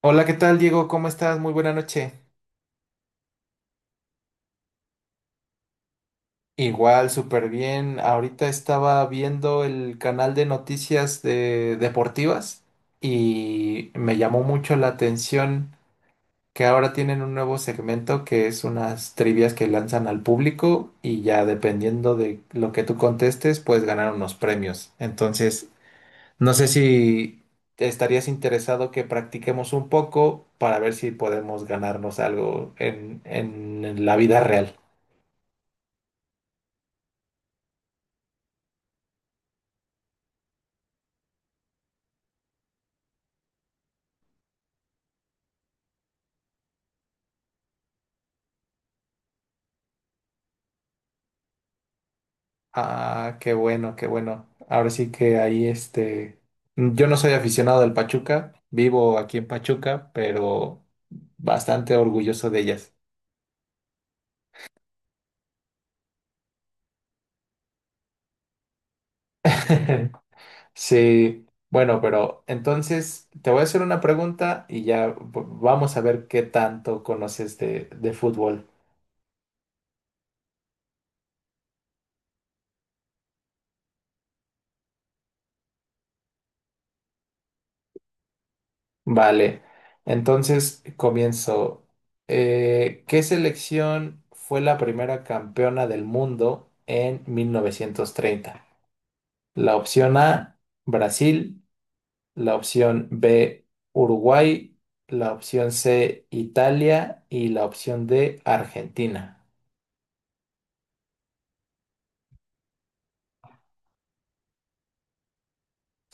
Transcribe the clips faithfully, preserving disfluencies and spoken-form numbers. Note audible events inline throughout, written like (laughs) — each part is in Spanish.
Hola, ¿qué tal, Diego? ¿Cómo estás? Muy buena noche. Igual, súper bien. Ahorita estaba viendo el canal de noticias de deportivas y me llamó mucho la atención que ahora tienen un nuevo segmento que es unas trivias que lanzan al público y ya dependiendo de lo que tú contestes, puedes ganar unos premios. Entonces, no sé si estarías interesado que practiquemos un poco para ver si podemos ganarnos algo en en la vida real. Ah, qué bueno, qué bueno. Ahora sí que ahí este, yo no soy aficionado al Pachuca, vivo aquí en Pachuca, pero bastante orgulloso de ellas. (laughs) Sí, bueno, pero entonces te voy a hacer una pregunta y ya v- vamos a ver qué tanto conoces de, de fútbol. Vale, entonces comienzo. Eh, ¿qué selección fue la primera campeona del mundo en mil novecientos treinta? La opción A, Brasil. La opción B, Uruguay. La opción C, Italia. Y la opción D, Argentina.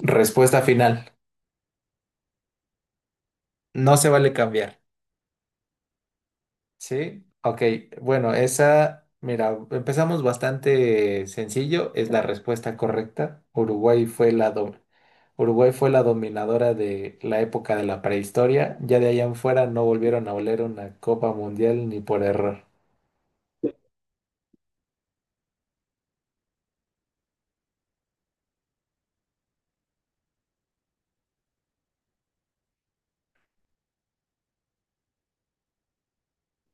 Respuesta final. No se vale cambiar. ¿Sí? Ok. Bueno, esa, mira, empezamos bastante sencillo. Es la respuesta correcta. Uruguay fue la do- Uruguay fue la dominadora de la época de la prehistoria. Ya de allá en fuera no volvieron a oler una Copa Mundial ni por error.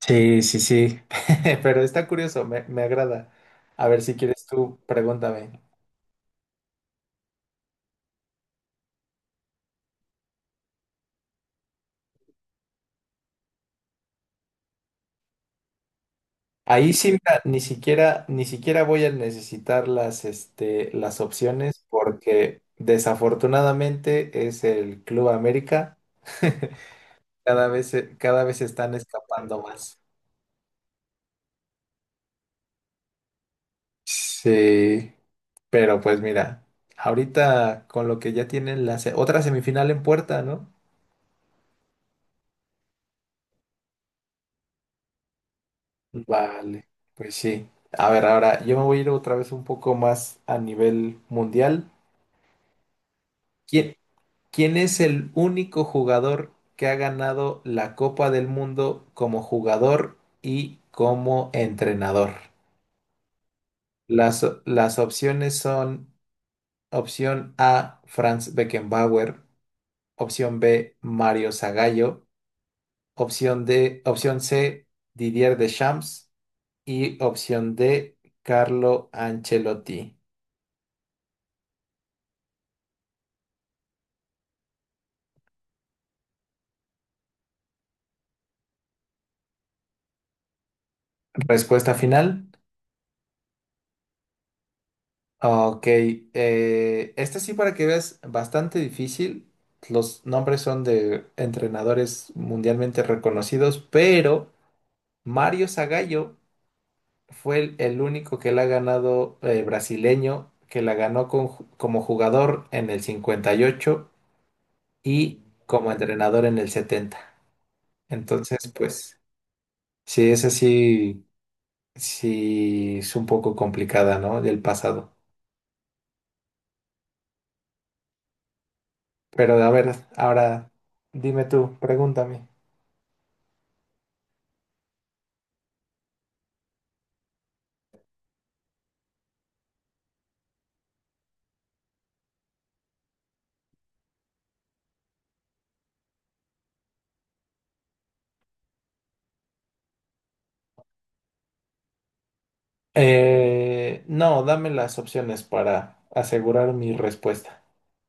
Sí, sí, sí, (laughs) pero está curioso, me, me agrada. A ver si quieres tú, pregúntame. Ahí sí, mira, ni siquiera, ni siquiera voy a necesitar las, este, las opciones porque desafortunadamente es el Club América. (laughs) Cada vez, se- cada vez se están escapando más. Sí, pero pues mira, ahorita con lo que ya tienen la se- otra semifinal en puerta, ¿no? Vale, pues sí. A ver, ahora yo me voy a ir otra vez un poco más a nivel mundial. ¿Quién, quién es el único jugador que ha ganado la Copa del Mundo como jugador y como entrenador? Las, las opciones son opción A, Franz Beckenbauer, opción B, Mario Zagallo, opción D, opción C, Didier Deschamps y opción D, Carlo Ancelotti. Respuesta final. Ah, Ok. eh, esta sí para que veas, bastante difícil. Los nombres son de entrenadores mundialmente reconocidos, pero Mario Zagallo fue el, el único que la ha ganado eh, brasileño, que la ganó con ju- como jugador en el cincuenta y ocho y ocho y como entrenador en el setenta. Entonces, pues, sí, esa sí, sí es un poco complicada, ¿no? Del pasado. Pero a ver, ahora dime tú, pregúntame. Eh, no, dame las opciones para asegurar mi respuesta.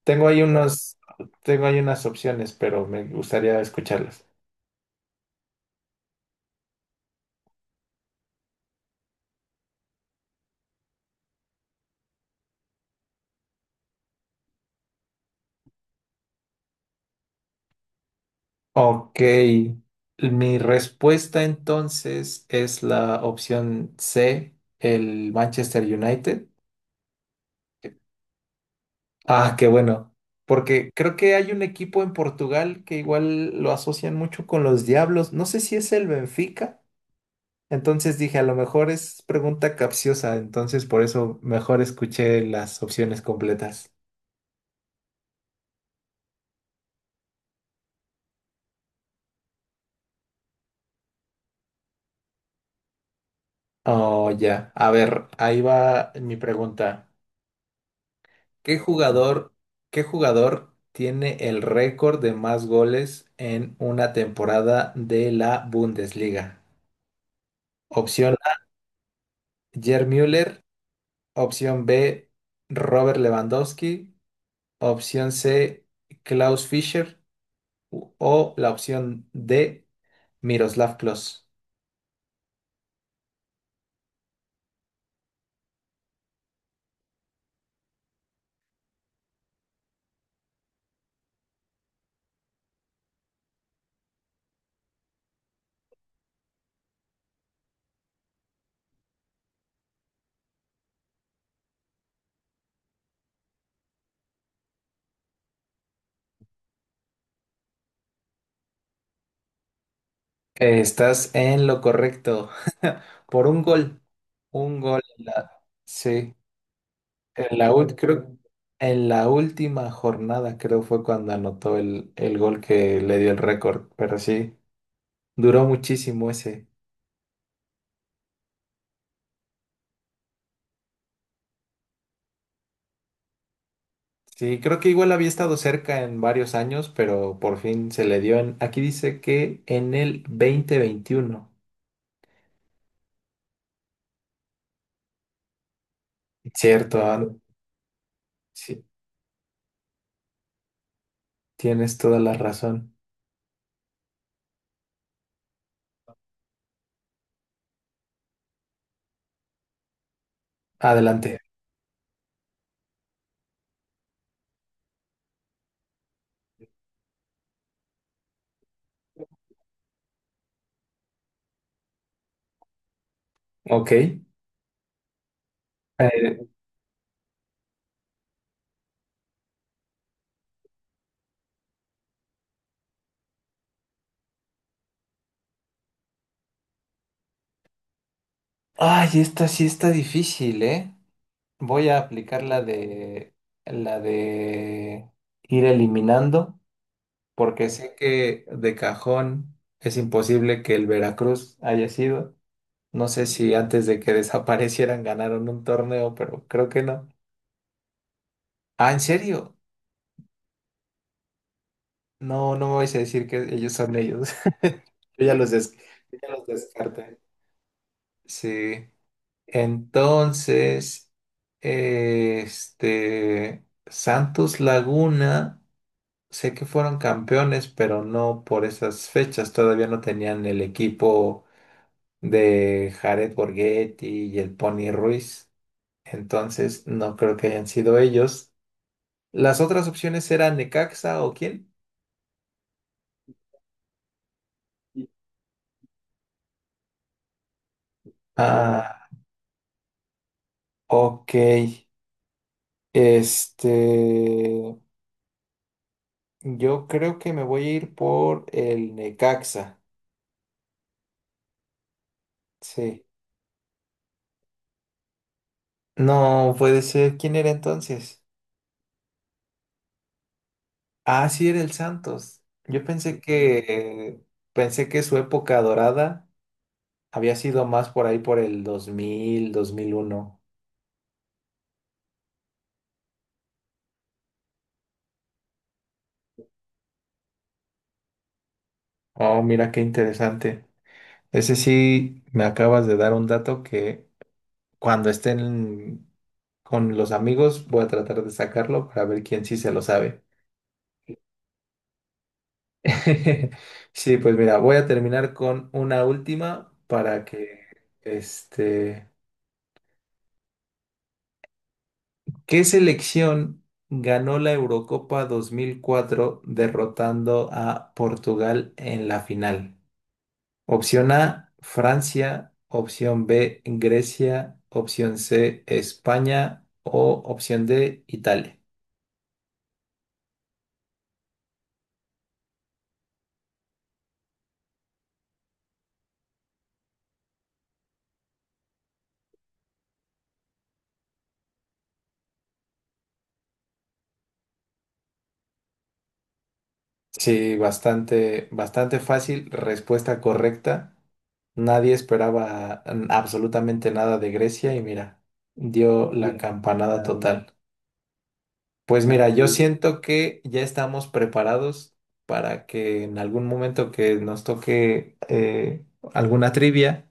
Tengo ahí unos, Tengo ahí unas opciones, pero me gustaría escucharlas. Ok, mi respuesta entonces es la opción C, el Manchester United. Ah, qué bueno, porque creo que hay un equipo en Portugal que igual lo asocian mucho con los Diablos. No sé si es el Benfica. Entonces dije, a lo mejor es pregunta capciosa, entonces por eso mejor escuché las opciones completas. Oh, ya. A ver, ahí va mi pregunta. ¿Qué jugador, qué jugador tiene el récord de más goles en una temporada de la Bundesliga? Opción A, Gerd Müller. Opción B, Robert Lewandowski. Opción C, Klaus Fischer. O la opción D, Miroslav Klose. Estás en lo correcto. (laughs) Por un gol. Un gol en la, sí. En la, ult- creo, en la última jornada, creo fue cuando anotó el, el gol que le dio el récord. Pero sí, duró muchísimo ese. Sí, creo que igual había estado cerca en varios años, pero por fin se le dio en. Aquí dice que en el dos mil veintiuno. Cierto, An- sí, tienes toda la razón. Adelante. Ok. Eh, Ay, esta sí está difícil, ¿eh? Voy a aplicar la de la de ir eliminando, porque sé que de cajón es imposible que el Veracruz haya sido. No sé si antes de que (laughs) desaparecieran ganaron un torneo, pero creo que no. Ah, ¿en serio? No, no me vais a decir que ellos son ellos. (laughs) Yo ya los, des- yo ya los descarté. Sí. Entonces, este Santos Laguna. Sé que fueron campeones, pero no por esas fechas. Todavía no tenían el equipo de Jared Borghetti y el Pony Ruiz. Entonces, no creo que hayan sido ellos. Las otras opciones eran Necaxa o quién. Ah, ok. Este, yo creo que me voy a ir por el Necaxa. Sí. No puede ser. ¿Quién era entonces? Ah, sí, era el Santos. Yo pensé, Sí, que pensé que su época dorada había sido más por ahí por el dos dos mil dos mil uno. Oh, mira qué interesante. Ese sí me acabas de dar un dato que cuando estén con los amigos voy a tratar de sacarlo para ver quién sí se lo sabe. (laughs) Sí, pues mira, voy a terminar con una última para que este ¿Qué selección ganó la Eurocopa dos mil cuatro derrotando a Portugal en la final? Opción A, Francia, opción B, Grecia, opción C, España o opción D, Italia. Sí, bastante, bastante fácil, respuesta correcta. Nadie esperaba mm, absolutamente nada de Grecia y mira, dio la campanada total. Pues mira, yo siento que ya estamos preparados para que en algún momento que nos toque eh, alguna trivia,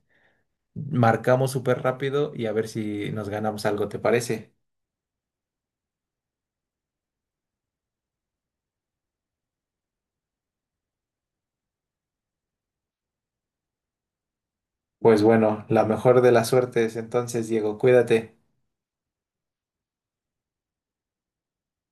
marcamos súper rápido y a ver si nos ganamos algo, ¿te parece? Pues bueno, la mejor de las suertes entonces, Diego, cuídate.